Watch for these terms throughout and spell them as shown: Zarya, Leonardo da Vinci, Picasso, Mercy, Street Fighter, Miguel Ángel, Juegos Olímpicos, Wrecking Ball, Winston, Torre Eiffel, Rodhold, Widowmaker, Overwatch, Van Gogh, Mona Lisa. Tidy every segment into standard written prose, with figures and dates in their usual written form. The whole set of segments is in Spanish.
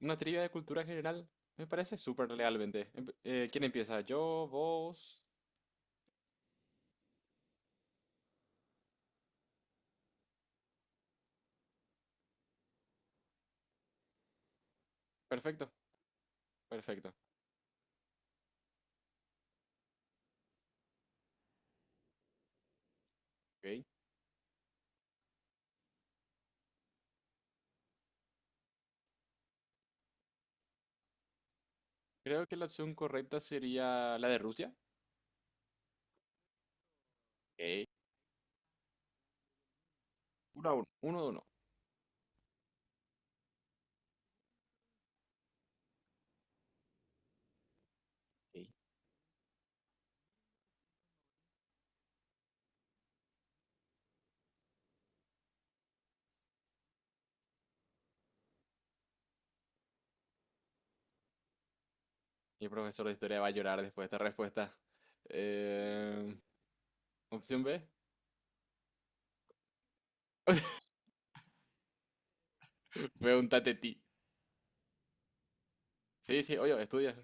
Una trivia de cultura general me parece súper lealmente. ¿Quién empieza? Yo, vos. Perfecto, perfecto. Ok. Creo que la opción correcta sería la de Rusia. Ok. Uno a uno. Uno de uno. Ok. Mi profesor de historia va a llorar después de esta respuesta. Eh, Opción B. Pregúntate a ti. Sí, sí, oye, estudia.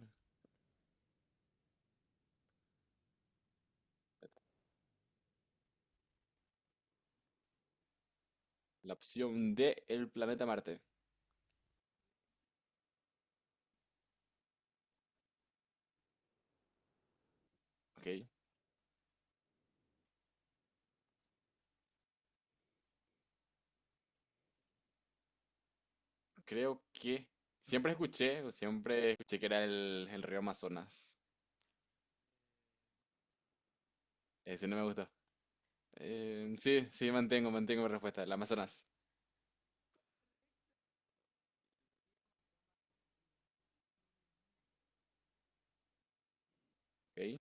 La opción D, el planeta Marte. Ok. Creo que siempre escuché, o siempre escuché que era el río Amazonas. Ese no me gustó. Sí, sí, mantengo mi respuesta. El Amazonas. ¿Ok?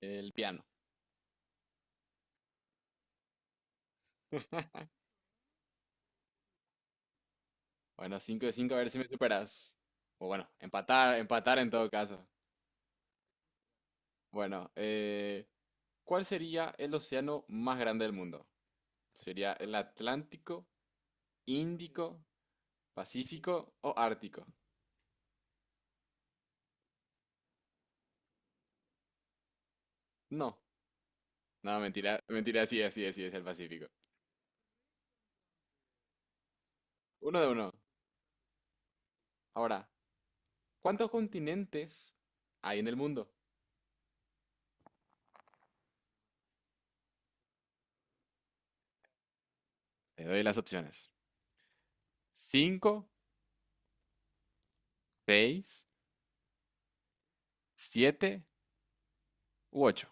El piano. Bueno, 5 de 5 a ver si me superas. O bueno, empatar, empatar en todo caso. Bueno, ¿cuál sería el océano más grande del mundo? ¿Sería el Atlántico, Índico, Pacífico o Ártico? No, no, mentira, mentira, sí, así es, sí es el Pacífico. Uno de uno. Ahora, ¿cuántos continentes hay en el mundo? Te doy las opciones. 5, 6, siete, u ocho.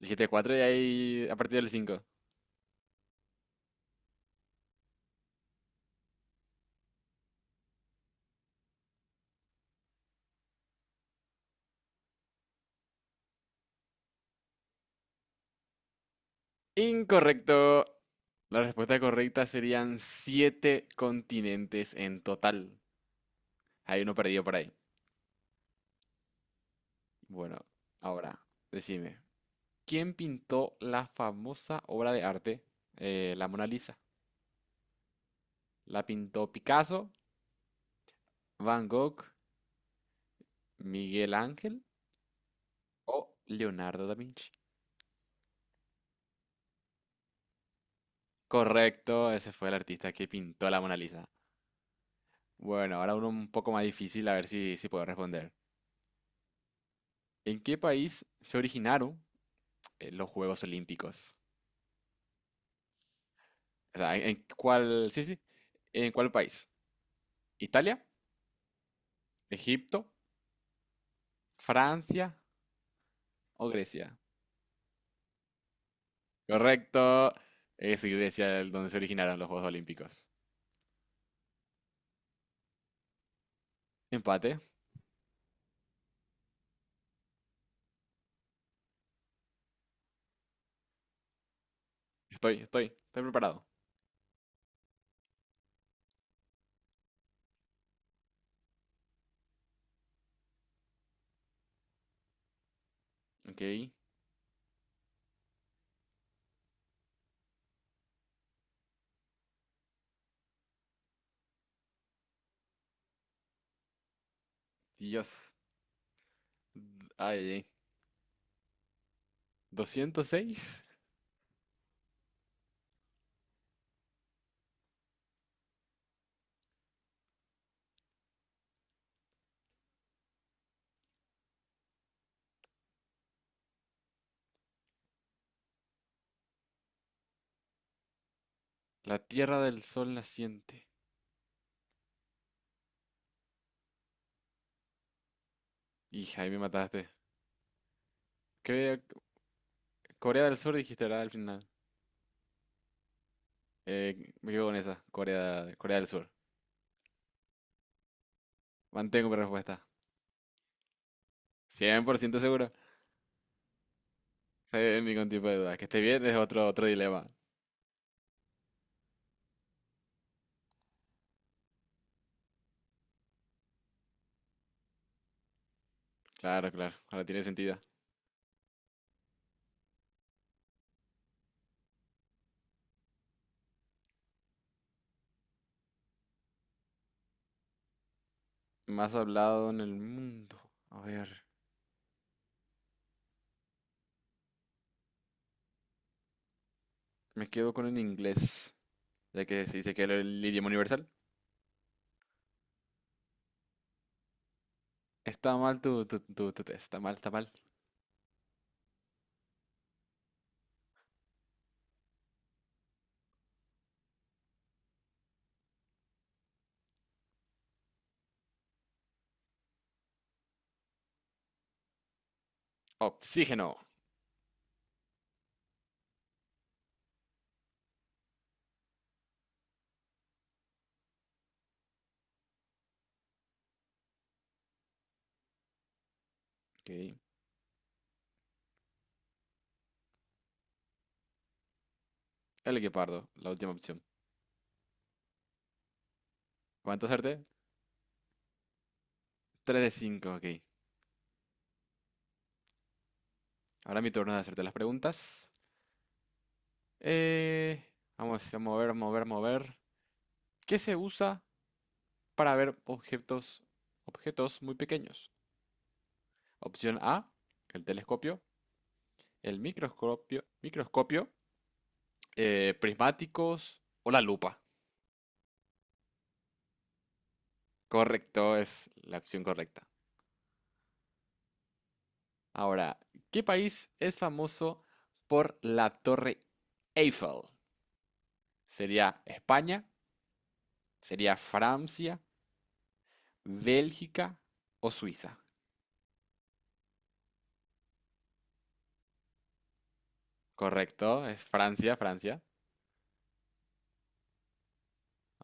Dijiste 4 y ahí a partir del cinco. Incorrecto. La respuesta correcta serían 7 continentes en total. Hay uno perdido por ahí. Bueno, ahora, decime. ¿Quién pintó la famosa obra de arte, la Mona Lisa? ¿La pintó Picasso, Van Gogh, Miguel Ángel o Leonardo da Vinci? Correcto, ese fue el artista que pintó la Mona Lisa. Bueno, ahora uno un poco más difícil, a ver si puedo responder. ¿En qué país se originaron los Juegos Olímpicos? O sea, ¿en cuál, sí, sí, en cuál país? ¿Italia, Egipto, Francia o Grecia? Correcto, es Grecia el donde se originaron los Juegos Olímpicos. Empate, estoy preparado. Ok, Dios, ay, ay. 206. La Tierra del Sol naciente. Hija, ahí me mataste. Creo, Corea del Sur dijiste, ¿verdad? Al final. Me quedo con esa, Corea del Sur. Mantengo mi respuesta. 100% seguro. Sin ningún tipo de duda. Que esté bien es otro, otro dilema. Claro, claro. Ahora tiene sentido. Más hablado en el mundo. A ver. Me quedo con el inglés. Ya que se dice que es el idioma universal. Está mal tu test. Está mal, está mal. Oxígeno. Ok. El equipardo. La última opción. ¿Cuánto acerté? 3 de 5. Ok. Ahora mi turno de hacerte las preguntas. Eh, Vamos, vamos a mover, mover, mover. ¿Qué se usa para ver objetos, objetos muy pequeños? Opción A, el telescopio, el microscopio prismáticos o la lupa. Correcto, es la opción correcta. Ahora, ¿qué país es famoso por la Torre Eiffel? ¿Sería España? ¿Sería Francia? ¿Bélgica o Suiza? Correcto, es Francia, Francia.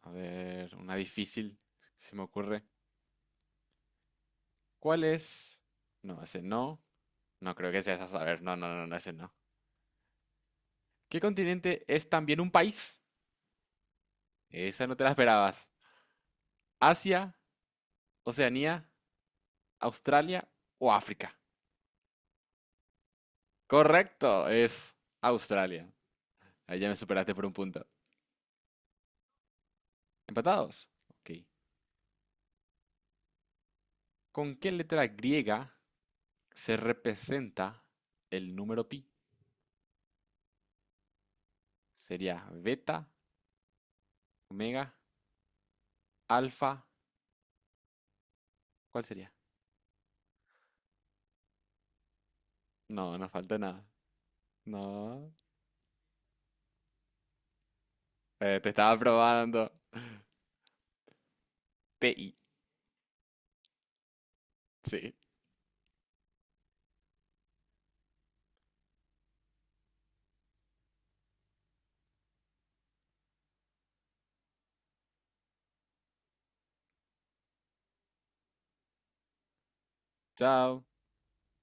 A ver, una difícil, se me ocurre. ¿Cuál es? No, ese no. No creo que sea esa. A ver, no, no, no, no, ese no. ¿Qué continente es también un país? Esa no te la esperabas. ¿Asia, Oceanía, Australia o África? Correcto, es Australia. Ahí ya me superaste por un punto. ¿Empatados? Ok. ¿Con qué letra griega se representa el número pi? ¿Sería beta, omega, alfa? ¿Cuál sería? No, no falta nada. No. Te estaba probando. pi. Sí. Chao.